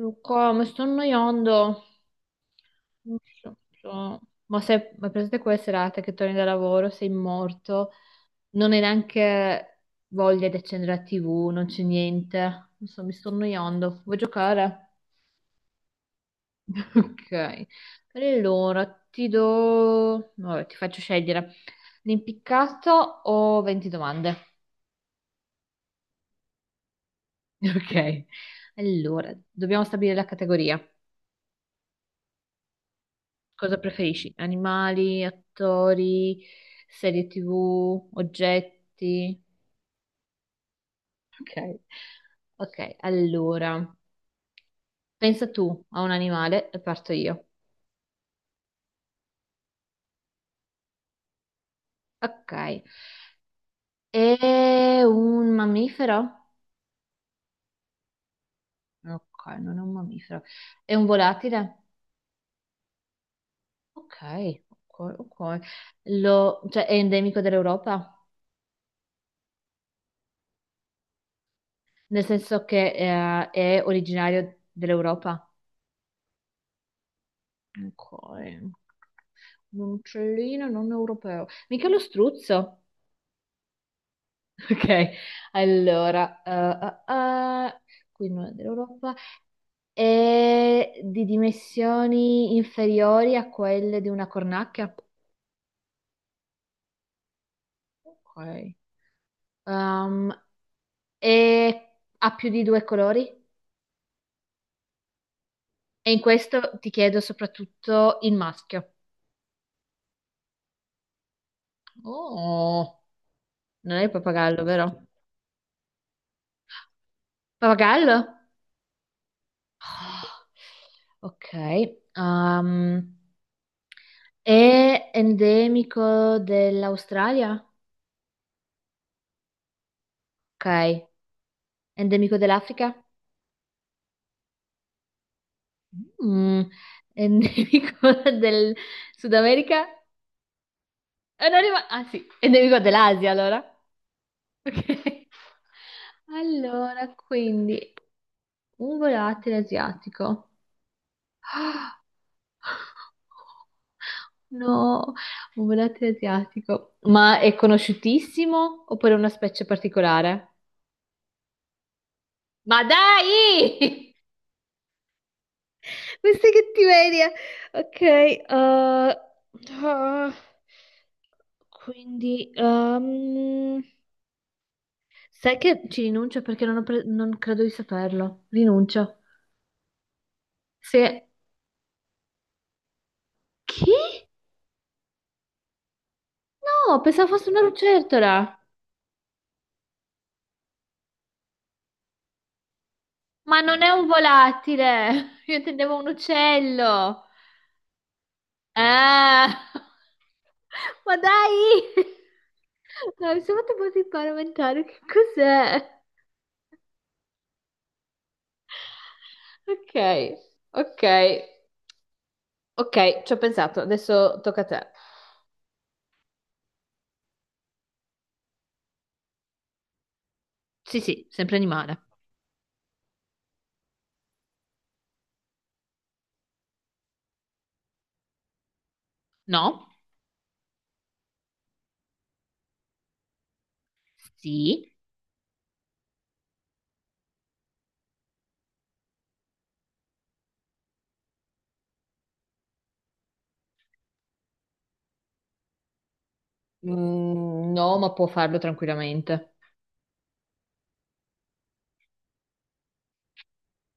Luca, mi sto annoiando. Non so, ma se ma presente quelle serate che torni da lavoro, sei morto, non hai neanche voglia di accendere la TV, non c'è niente. Non so, mi sto annoiando. Vuoi giocare? Ok. Allora, ti do... Vabbè, ti faccio scegliere. L'impiccato o 20 domande? Ok. Allora, dobbiamo stabilire la categoria. Cosa preferisci? Animali, attori, serie TV, oggetti? Ok. Ok, allora, pensa tu a un animale e parto io. Ok. È un mammifero? Ok, non è un mammifero. È un volatile? Ok, ok, ok. È endemico dell'Europa? Nel senso che è originario dell'Europa? Ok, un uccellino non europeo. Mica lo struzzo. Ok, allora. Qui non è dell'Europa. È di dimensioni inferiori a quelle di una cornacchia. Ok. Um, e ha più di due colori. E in questo ti chiedo soprattutto il maschio. Oh, non è il pappagallo, vero? Pappagallo? Ah, ok. Ehm, È endemico dell'Australia? Ok. Endemico dell'Africa? Mm. Endemico del Sud America? Non rima- Ah sì, endemico dell'Asia allora. Ok. Allora, quindi un volatile asiatico. No, un volatile asiatico. Ma è conosciutissimo oppure è una specie particolare? Ma dai! Questa è cattiveria. Ok, ah, quindi sai che ci rinuncio perché non, ho pre- non credo di saperlo. Rinuncio. Se... Chi? No, pensavo fosse una lucertola. Ma non è un volatile. Io intendevo un uccello. Ah, ma dai! No, mi sono fatto un po' di parlamentare. Che cos'è? Ok, ok. Ok, ci ho pensato, adesso tocca a te. Sì, sì, sempre animale. No? Sì. Mm, no, ma può farlo tranquillamente.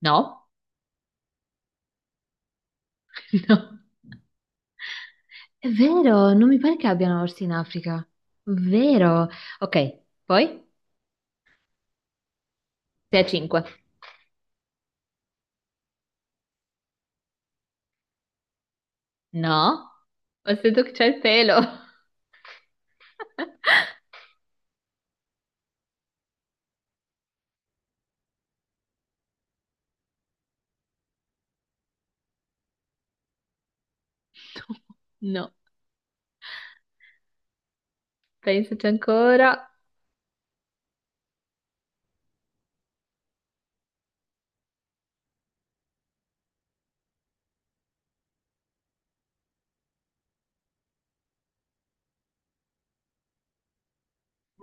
No? No. È vero, non mi pare che abbiano orsi in Africa. Vero. Ok, poi? 6-5. No? Ho sentito che c'è il pelo. No, pensaci ancora.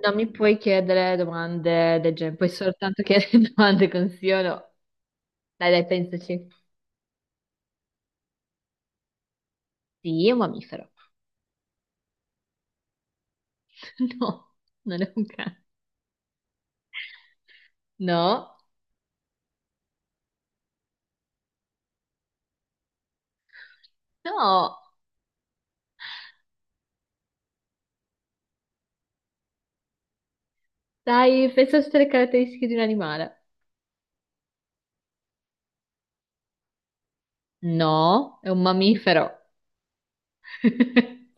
Non mi puoi chiedere domande del genere, puoi soltanto chiedere domande con sì o no. Dai, dai, pensaci. Sì, è un mammifero. No, non è un cane. No, no. Dai, pensa a tutte le caratteristiche di un animale. No, è un mammifero.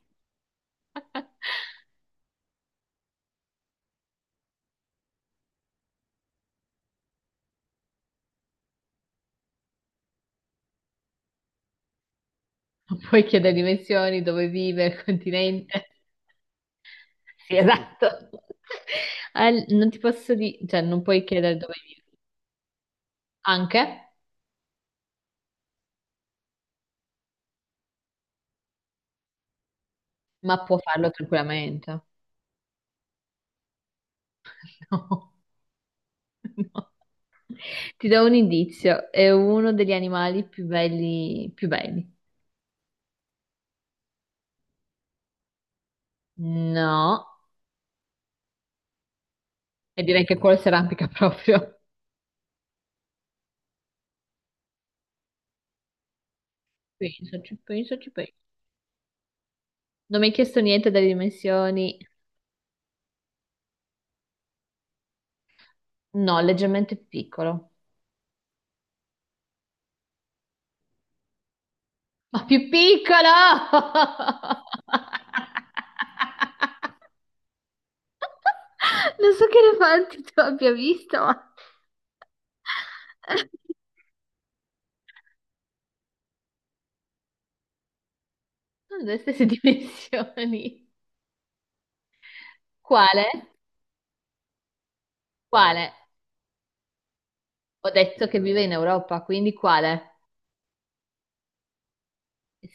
Non puoi chiedere dimensioni, dove vive, il continente. Sì, esatto. Non ti posso dire, cioè, non puoi chiedere dove vive. Anche, ma può farlo tranquillamente. No, no. Ti do un indizio, è uno degli animali più belli, più belli. No, e direi che quello si arrampica proprio. Pensaci, pensaci, pensaci. Non mi hai chiesto niente delle dimensioni. No, leggermente più piccolo. Ma più piccolo! Non so che elefanti tu abbia visto, ma... Sono delle stesse dimensioni. Quale? Quale? Ho detto che vive in Europa, quindi quale?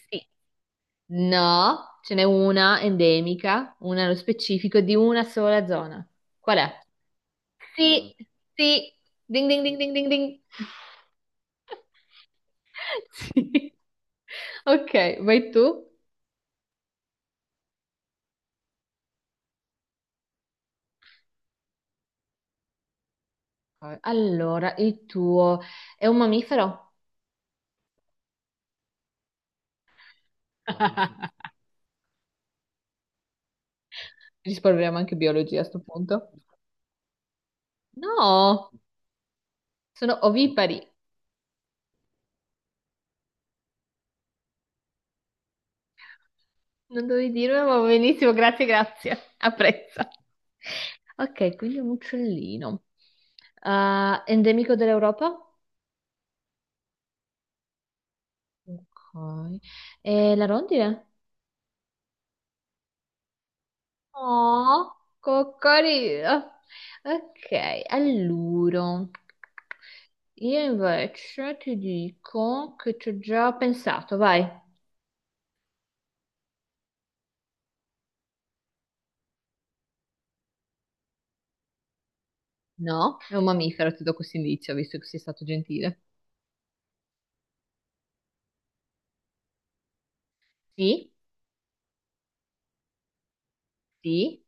Sì. No, ce n'è una endemica, una nello specifico di una sola zona. Qual è? Mm. Sì, sì, ding ding ding ding ding ding. Sì. Ok, vai tu. Allora, il tuo è un mammifero? Risparmiamo anche biologia a sto punto. No, sono ovipari. Non dovevi dirlo, ma va benissimo, grazie, grazie. Apprezzo. Ok, quindi un uccellino. Ah, endemico dell'Europa? Ok. E la rondine? Oh, coccolino. Ok, allora. Io invece ti dico che ci ho già pensato, vai. No, è un mammifero, ti do questo indizio, visto che sei stato gentile. Sì, sì,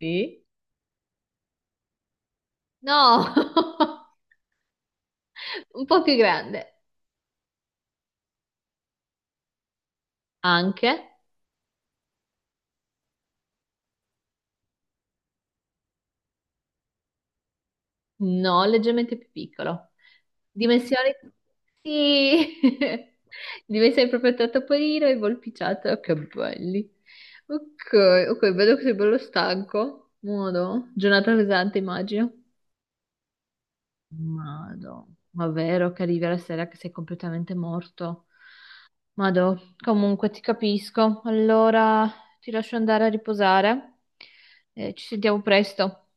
sì. No! Un po' più grande, anche, no, leggermente più piccolo. Dimensioni, sì, dimensioni proprio tra topolino e volpiciato, che belli. Ok, ok, vedo che sei bello stanco. Modo, giornata pesante, immagino. Mado, ma vero che arrivi alla sera che sei completamente morto? Mado, comunque ti capisco. Allora ti lascio andare a riposare. Ci sentiamo presto.